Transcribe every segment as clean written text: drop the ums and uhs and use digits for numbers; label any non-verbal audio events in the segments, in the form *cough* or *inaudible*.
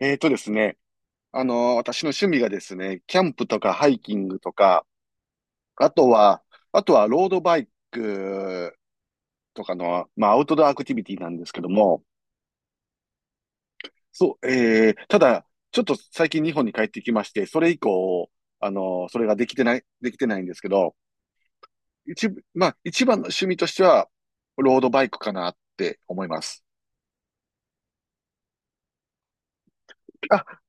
えーとですね、私の趣味がですね、キャンプとかハイキングとか、あとは、あとはロードバイクとかの、まあ、アウトドアアクティビティなんですけども。そう、ただ、ちょっと最近日本に帰ってきまして、それ以降、それができてないんですけど、一部、まあ、一番の趣味としては、ロードバイクかなって思います。あ、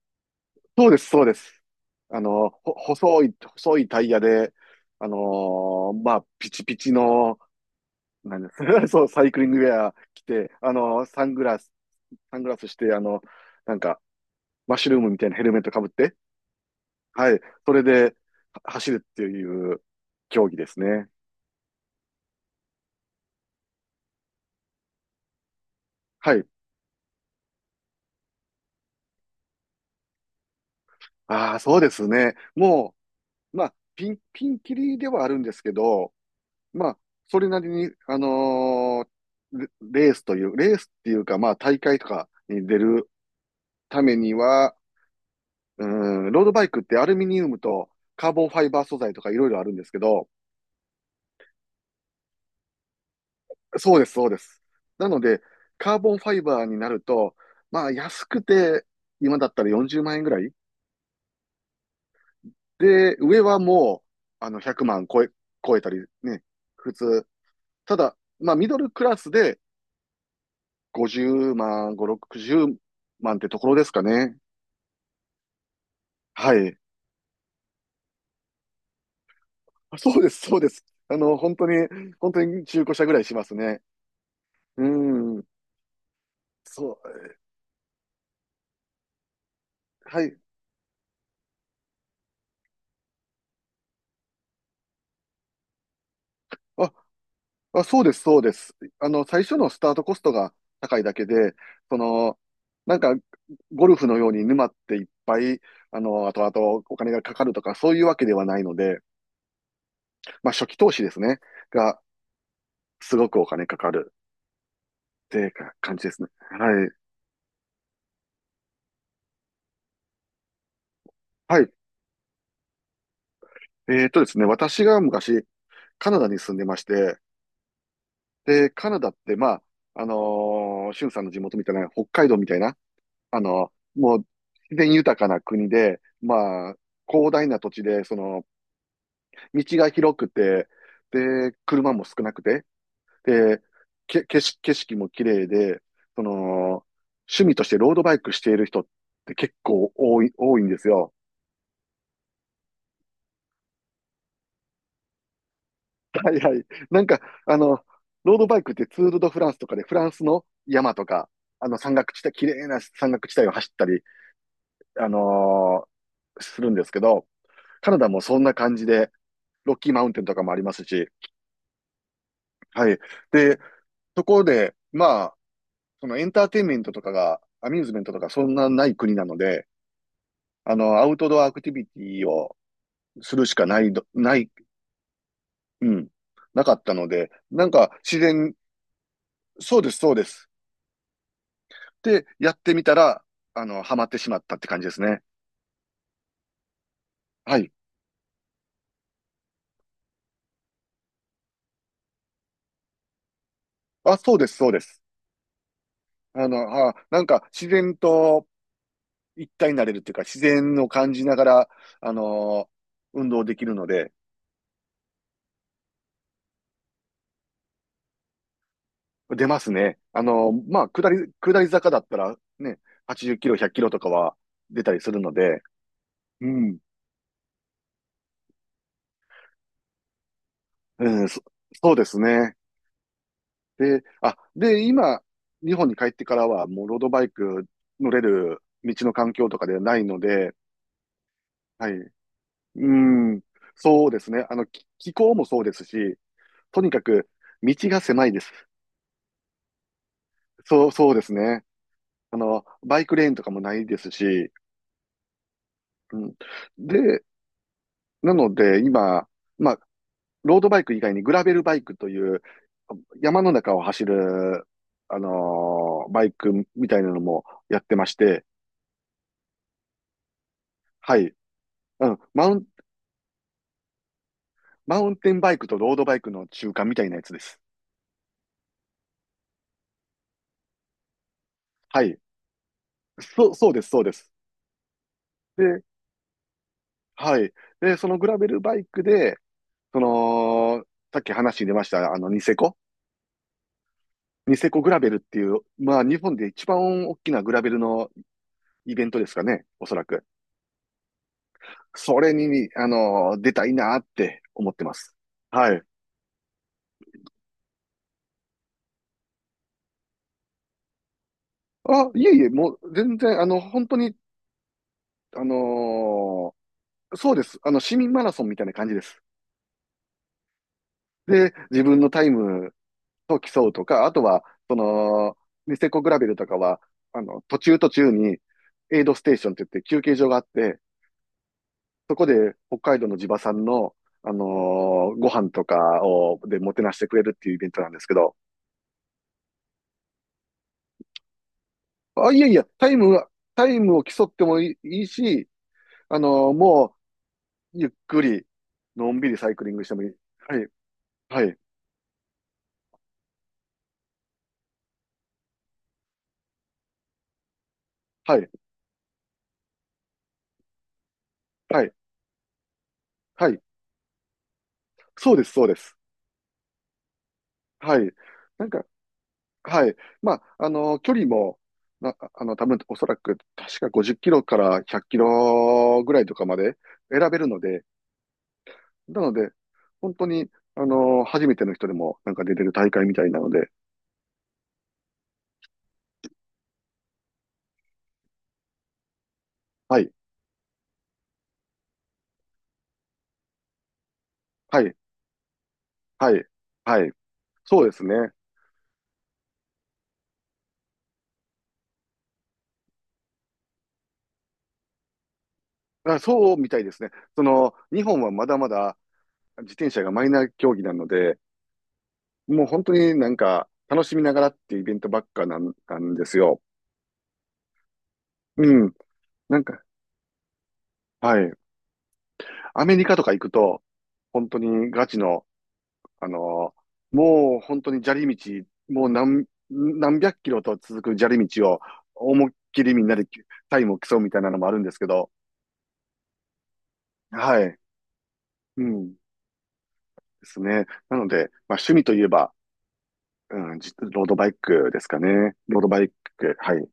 そうです、そうです。あの、細いタイヤで、あのまあ、ピチピチの、なんです。 *laughs* そう、サイクリングウェア着て、サングラスして、あの、なんか、マッシュルームみたいなヘルメットかぶって、はい、それでは走るっていう競技ですね。はい。ああ、そうですね。もう、まあ、ピンキリではあるんですけど、まあ、それなりに、レレースという、レースっていうか、まあ、大会とかに出るためには、うん、ロードバイクってアルミニウムとカーボンファイバー素材とかいろいろあるんですけど、そうです、そうです。なので、カーボンファイバーになると、まあ、安くて、今だったら40万円ぐらいで、上はもう、あの、100万超え、超えたりね、普通。ただ、まあ、ミドルクラスで50万、5、60万ってところですかね。はい。あ、そうです、そうです。あの、本当に、本当に中古車ぐらいしますね。うん。そう。はい。あ、あ、そうです、そうです。あの、最初のスタートコストが高いだけで、その、なんか、ゴルフのように沼っていっぱい、あの、後々お金がかかるとか、そういうわけではないので、まあ、初期投資ですね、が、すごくお金かかるってか感じですね。はい。はい。ですね、私が昔、カナダに住んでまして、で、カナダって、まあ、シュンさんの地元みたいな、北海道みたいな、もう自然豊かな国で、まあ、広大な土地で、その、道が広くて、で、車も少なくて、で、景色も綺麗で、その、趣味としてロードバイクしている人って結構多い、多いんですよ。はいはい。なんか、あの、ロードバイクってツール・ド・フランスとかで、フランスの山とか、あの山岳地帯、綺麗な山岳地帯を走ったりあのーするんですけど、カナダもそんな感じで、ロッキーマウンテンとかもありますし、はい。で、そこで、まあ、そのエンターテインメントとかが、アミューズメントとかそんなない国なので、あの、アウトドアアクティビティをするしかないど、ない、うん、なかったので、なんか自然、そうです、そうです。で、やってみたら、あの、ハマってしまったって感じですね。はい。あ、そうです、そうです。あの、あ、なんか自然と、一体になれるっていうか、自然を感じながら、あのー運動できるので、出ますね。まあ、下り坂だったら、ね、80キロ、100キロとかは出たりするので、うん、うん、そうですね。あ、で、今、日本に帰ってからは、もうロードバイク乗れる道の環境とかではないので、はい。うん、そうですね。あの、気候もそうですし、とにかく道が狭いです。そうですね。あの、バイクレーンとかもないですし、うん。で、なので今、まあ、ロードバイク以外にグラベルバイクという山の中を走る、バイクみたいなのもやってまして、はい。うん。マウンテンバイクとロードバイクの中間みたいなやつです。はい。そうです、そうです。で、はい。で、そのグラベルバイクで、その、さっき話に出ました、あの、ニセコ。ニセコグラベルっていう、まあ、日本で一番大きなグラベルのイベントですかね、おそらく。それに、あの、出たいなって思ってます。はい。あ、いえいえ、もう全然、あの、本当に、あのーそうです。あの、市民マラソンみたいな感じです。で、自分のタイムと競うとか、あとは、その、ニセコグラベルとかは、あの、途中途中に、エイドステーションって言って休憩所があって、そこで北海道の地場産の、あのご飯とかを、でもてなしてくれるっていうイベントなんですけど、あ、いやいや、タイムを競ってもいい、いいし、あの、もう、ゆっくり、のんびりサイクリングしてもいい。はい、はい、はい、はい、はい。そうです、そうです。はい。なんか、はい。まあ、あの、距離も、あの、多分、おそらく、確か50キロから100キロぐらいとかまで選べるので、なので、本当に、あの、初めての人でも、なんか出れる大会みたいなので、はい、はい、はい、はい。そうですね。あ、そうみたいですね。その、日本はまだまだ自転車がマイナー競技なので、もう本当になんか楽しみながらっていうイベントばっかなん、なんですよ。うん。なんか、はい。アメリカとか行くと、本当にガチの、あのもう本当に砂利道、もう何、何百キロと続く砂利道を思いっきりみんなでタイムを競うみたいなのもあるんですけど、はい。うん。ですね。なので、まあ趣味といえば、うん、ロードバイクですかね。ロードバイク、はい。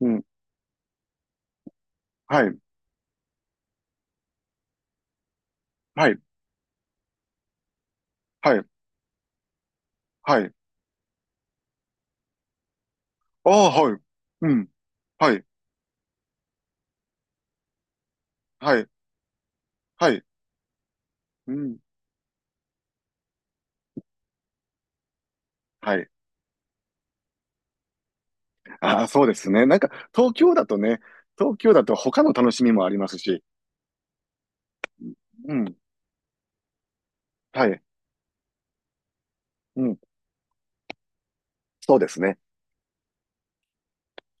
うん、はい、はい、はい、はい。ああ、はい。うん、はい、はい、はい。うん、はい。ああ、そうですね。なんか、東京だとね、東京だと他の楽しみもありますし、うん、はい、うん、そうですね。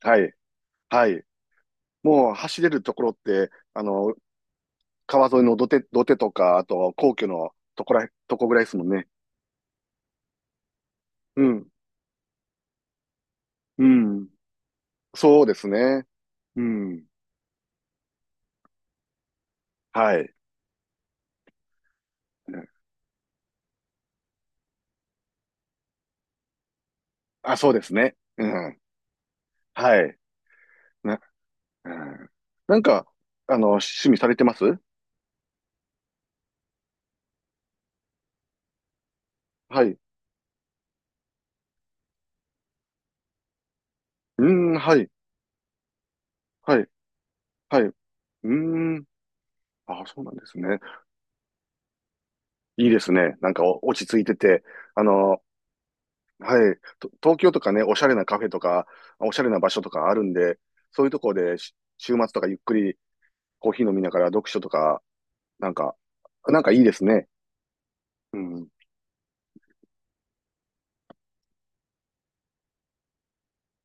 はい、はい。もう走れるところって、あの、川沿いの土手とか、あと皇居のとこぐらいですもんね。うん、うん、そうですね。うん、はい。あ、そうですね。うん。はい。な、うん。なんか、あの、趣味されてます。はい。うーん、はい。はい。はい。うーん。あ、そうなんですね。いいですね。なんかお落ち着いてて、あの、はい。と東京とかね、おしゃれなカフェとか、おしゃれな場所とかあるんで、そういうところで週末とかゆっくりコーヒー飲みながら読書とか、なんか、なんかいいですね。うん。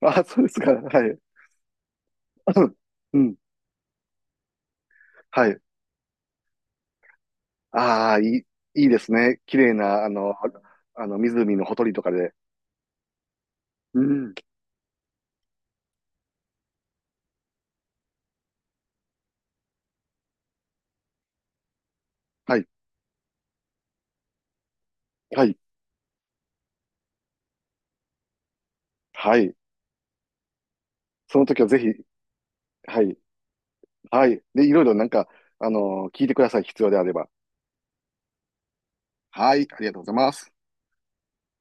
あ、そうですか。はい。うん。うん。はい。ああ、いい、いいですね。綺麗な、あの、あの、湖のほとりとかで。うん。はい、はい、はい。その時はぜひ、はい、はい。で、いろいろなんか、あの、聞いてください。必要であれば。はい、ありがとうございます。